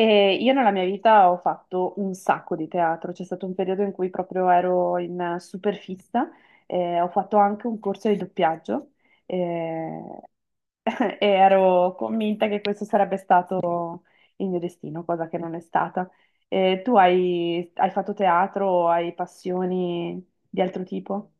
E io nella mia vita ho fatto un sacco di teatro. C'è stato un periodo in cui proprio ero in super fissa. Ho fatto anche un corso di doppiaggio. eh, e ero convinta che questo sarebbe stato il mio destino, cosa che non è stata. Tu hai fatto teatro o hai passioni di altro tipo?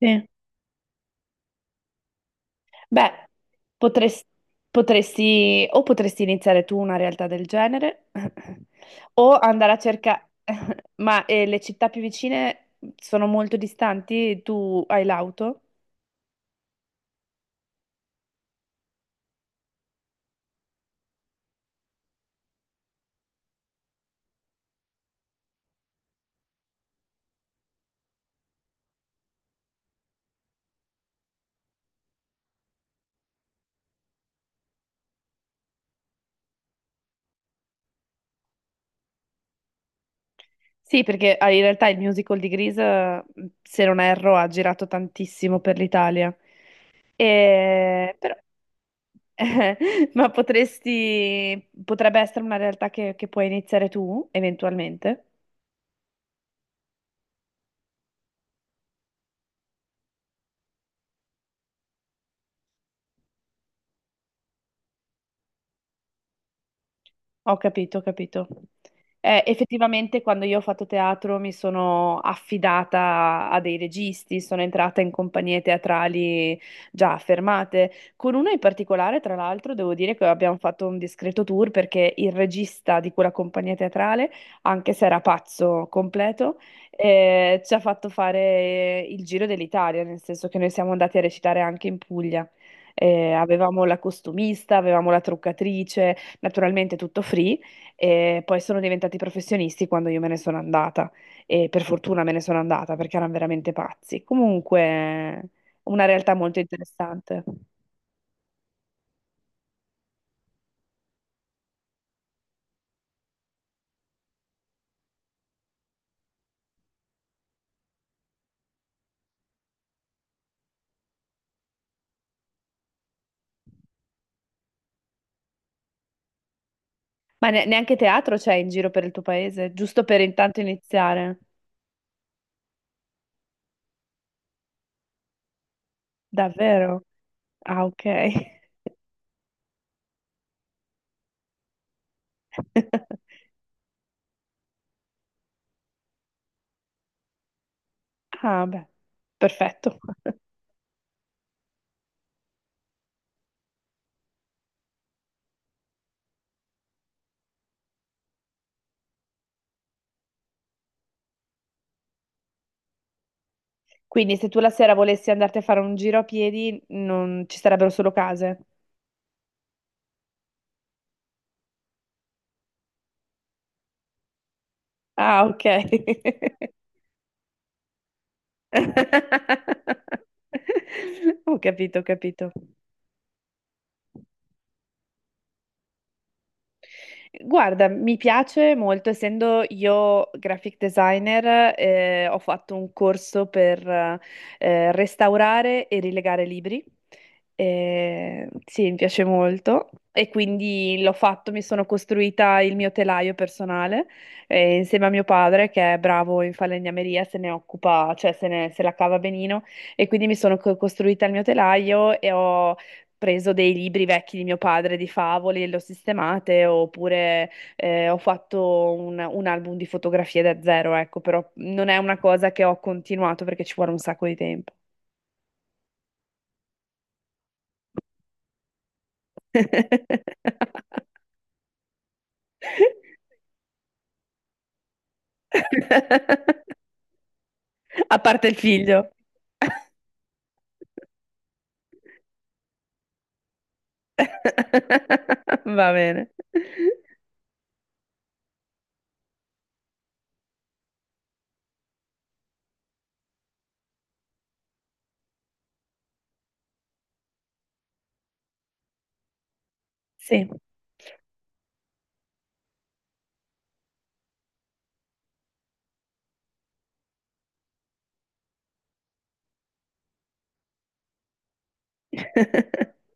Sì. Beh, potresti, potresti o potresti iniziare tu una realtà del genere o andare a cercare, ma le città più vicine sono molto distanti, tu hai l'auto? Sì, perché in realtà il musical di Grease, se non erro, ha girato tantissimo per l'Italia. E- però- ma potresti, potrebbe essere una realtà che puoi iniziare tu, eventualmente. Ho capito, ho capito. Effettivamente quando io ho fatto teatro mi sono affidata a dei registi, sono entrata in compagnie teatrali già affermate. Con una in particolare, tra l'altro, devo dire che abbiamo fatto un discreto tour, perché il regista di quella compagnia teatrale, anche se era pazzo completo, ci ha fatto fare il giro dell'Italia, nel senso che noi siamo andati a recitare anche in Puglia. Avevamo la costumista, avevamo la truccatrice, naturalmente tutto free, e poi sono diventati professionisti quando io me ne sono andata, e per fortuna me ne sono andata perché erano veramente pazzi. Comunque, una realtà molto interessante. Ma neanche teatro c'è in giro per il tuo paese, giusto per intanto iniziare? Davvero? Ah, ok. Ah, beh, perfetto. Quindi se tu la sera volessi andarti a fare un giro a piedi, non ci sarebbero solo case. Ah, ok. Ho capito, ho capito. Guarda, mi piace molto, essendo io graphic designer, ho fatto un corso per restaurare e rilegare libri. Sì, mi piace molto e quindi l'ho fatto, mi sono costruita il mio telaio personale, insieme a mio padre che è bravo in falegnameria, se ne occupa, cioè se la cava benino, e quindi mi sono costruita il mio telaio e ho preso dei libri vecchi di mio padre di favole e le ho sistemate, oppure ho fatto un album di fotografie da zero, ecco, però non è una cosa che ho continuato perché ci vuole un sacco di tempo. A parte il figlio. Va bene. Sì.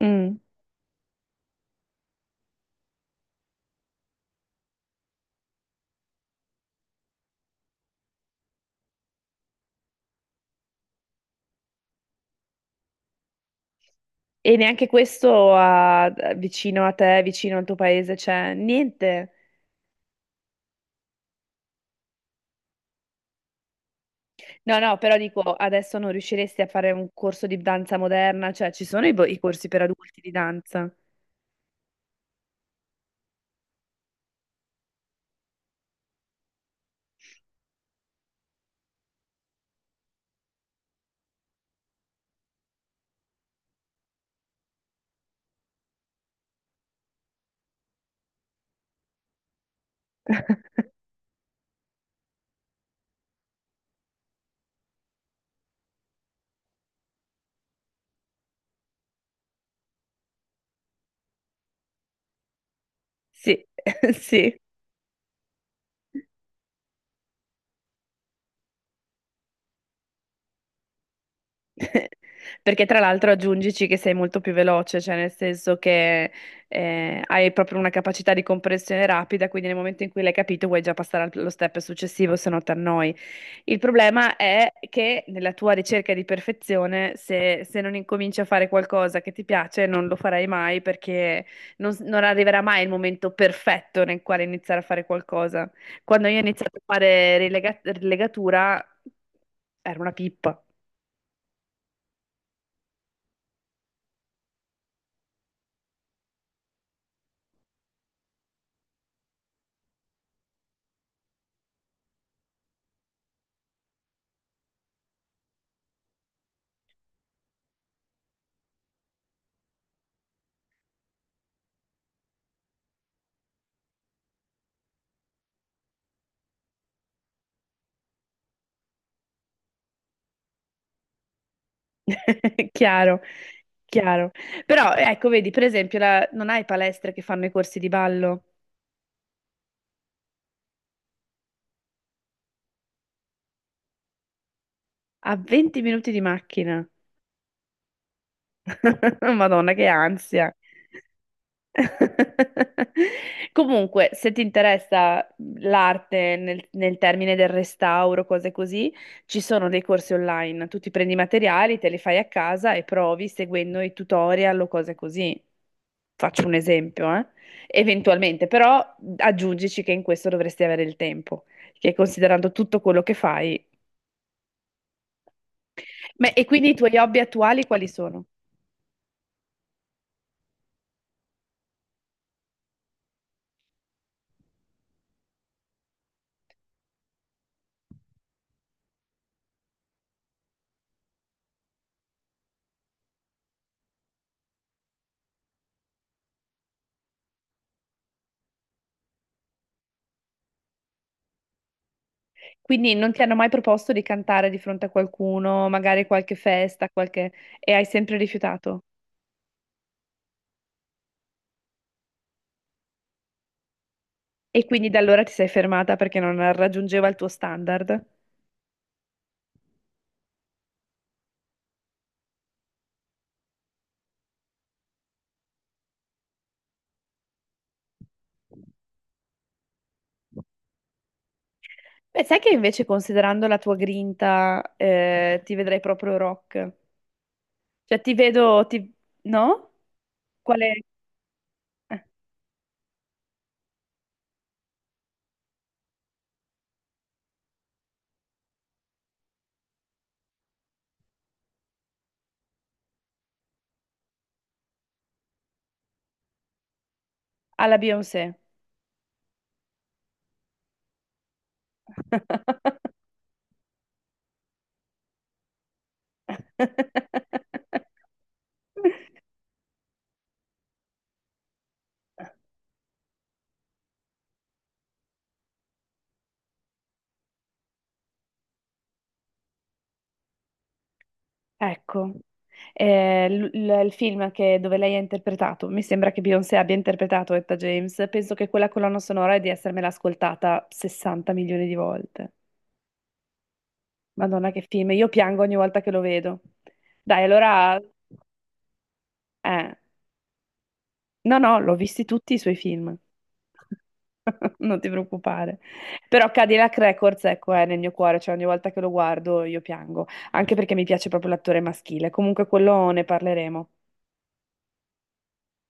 Mm. E neanche questo vicino a te, vicino al tuo paese, c'è niente. No, no, però dico, adesso non riusciresti a fare un corso di danza moderna, cioè ci sono i corsi per adulti di danza. Sì, sì. Perché tra l'altro aggiungici che sei molto più veloce, cioè nel senso che hai proprio una capacità di comprensione rapida, quindi nel momento in cui l'hai capito vuoi già passare allo step successivo, se no ti annoi. Il problema è che nella tua ricerca di perfezione, se non incominci a fare qualcosa che ti piace, non lo farai mai, perché non arriverà mai il momento perfetto nel quale iniziare a fare qualcosa. Quando io ho iniziato a fare rilegatura era una pippa. Chiaro, chiaro. Però ecco, vedi, per esempio, non hai palestre che fanno i corsi di ballo a 20 minuti di macchina. Madonna, che ansia. Comunque, se ti interessa l'arte nel termine del restauro, cose così, ci sono dei corsi online. Tu ti prendi i materiali, te li fai a casa e provi seguendo i tutorial o cose così. Faccio un esempio, eventualmente, però aggiungici che in questo dovresti avere il tempo, che considerando tutto quello che fai. Ma, e quindi i tuoi hobby attuali quali sono? Quindi non ti hanno mai proposto di cantare di fronte a qualcuno, magari qualche festa, qualche... e hai sempre rifiutato? E quindi da allora ti sei fermata perché non raggiungeva il tuo standard? Beh, sai che invece considerando la tua grinta, ti vedrei proprio rock. Cioè ti vedo, ti... no? Quale? eh, Alla Beyoncé. Ecco. Il dove lei ha interpretato, mi sembra che Beyoncé abbia interpretato Etta James, penso che quella colonna sonora è di essermela ascoltata 60 milioni di volte. Madonna, che film, io piango ogni volta che lo vedo. Dai, allora, eh, no, no, l'ho visti tutti i suoi film. Non ti preoccupare. Però Cadillac Records, ecco, è nel mio cuore, cioè ogni volta che lo guardo io piango, anche perché mi piace proprio l'attore maschile. Comunque quello ne parleremo.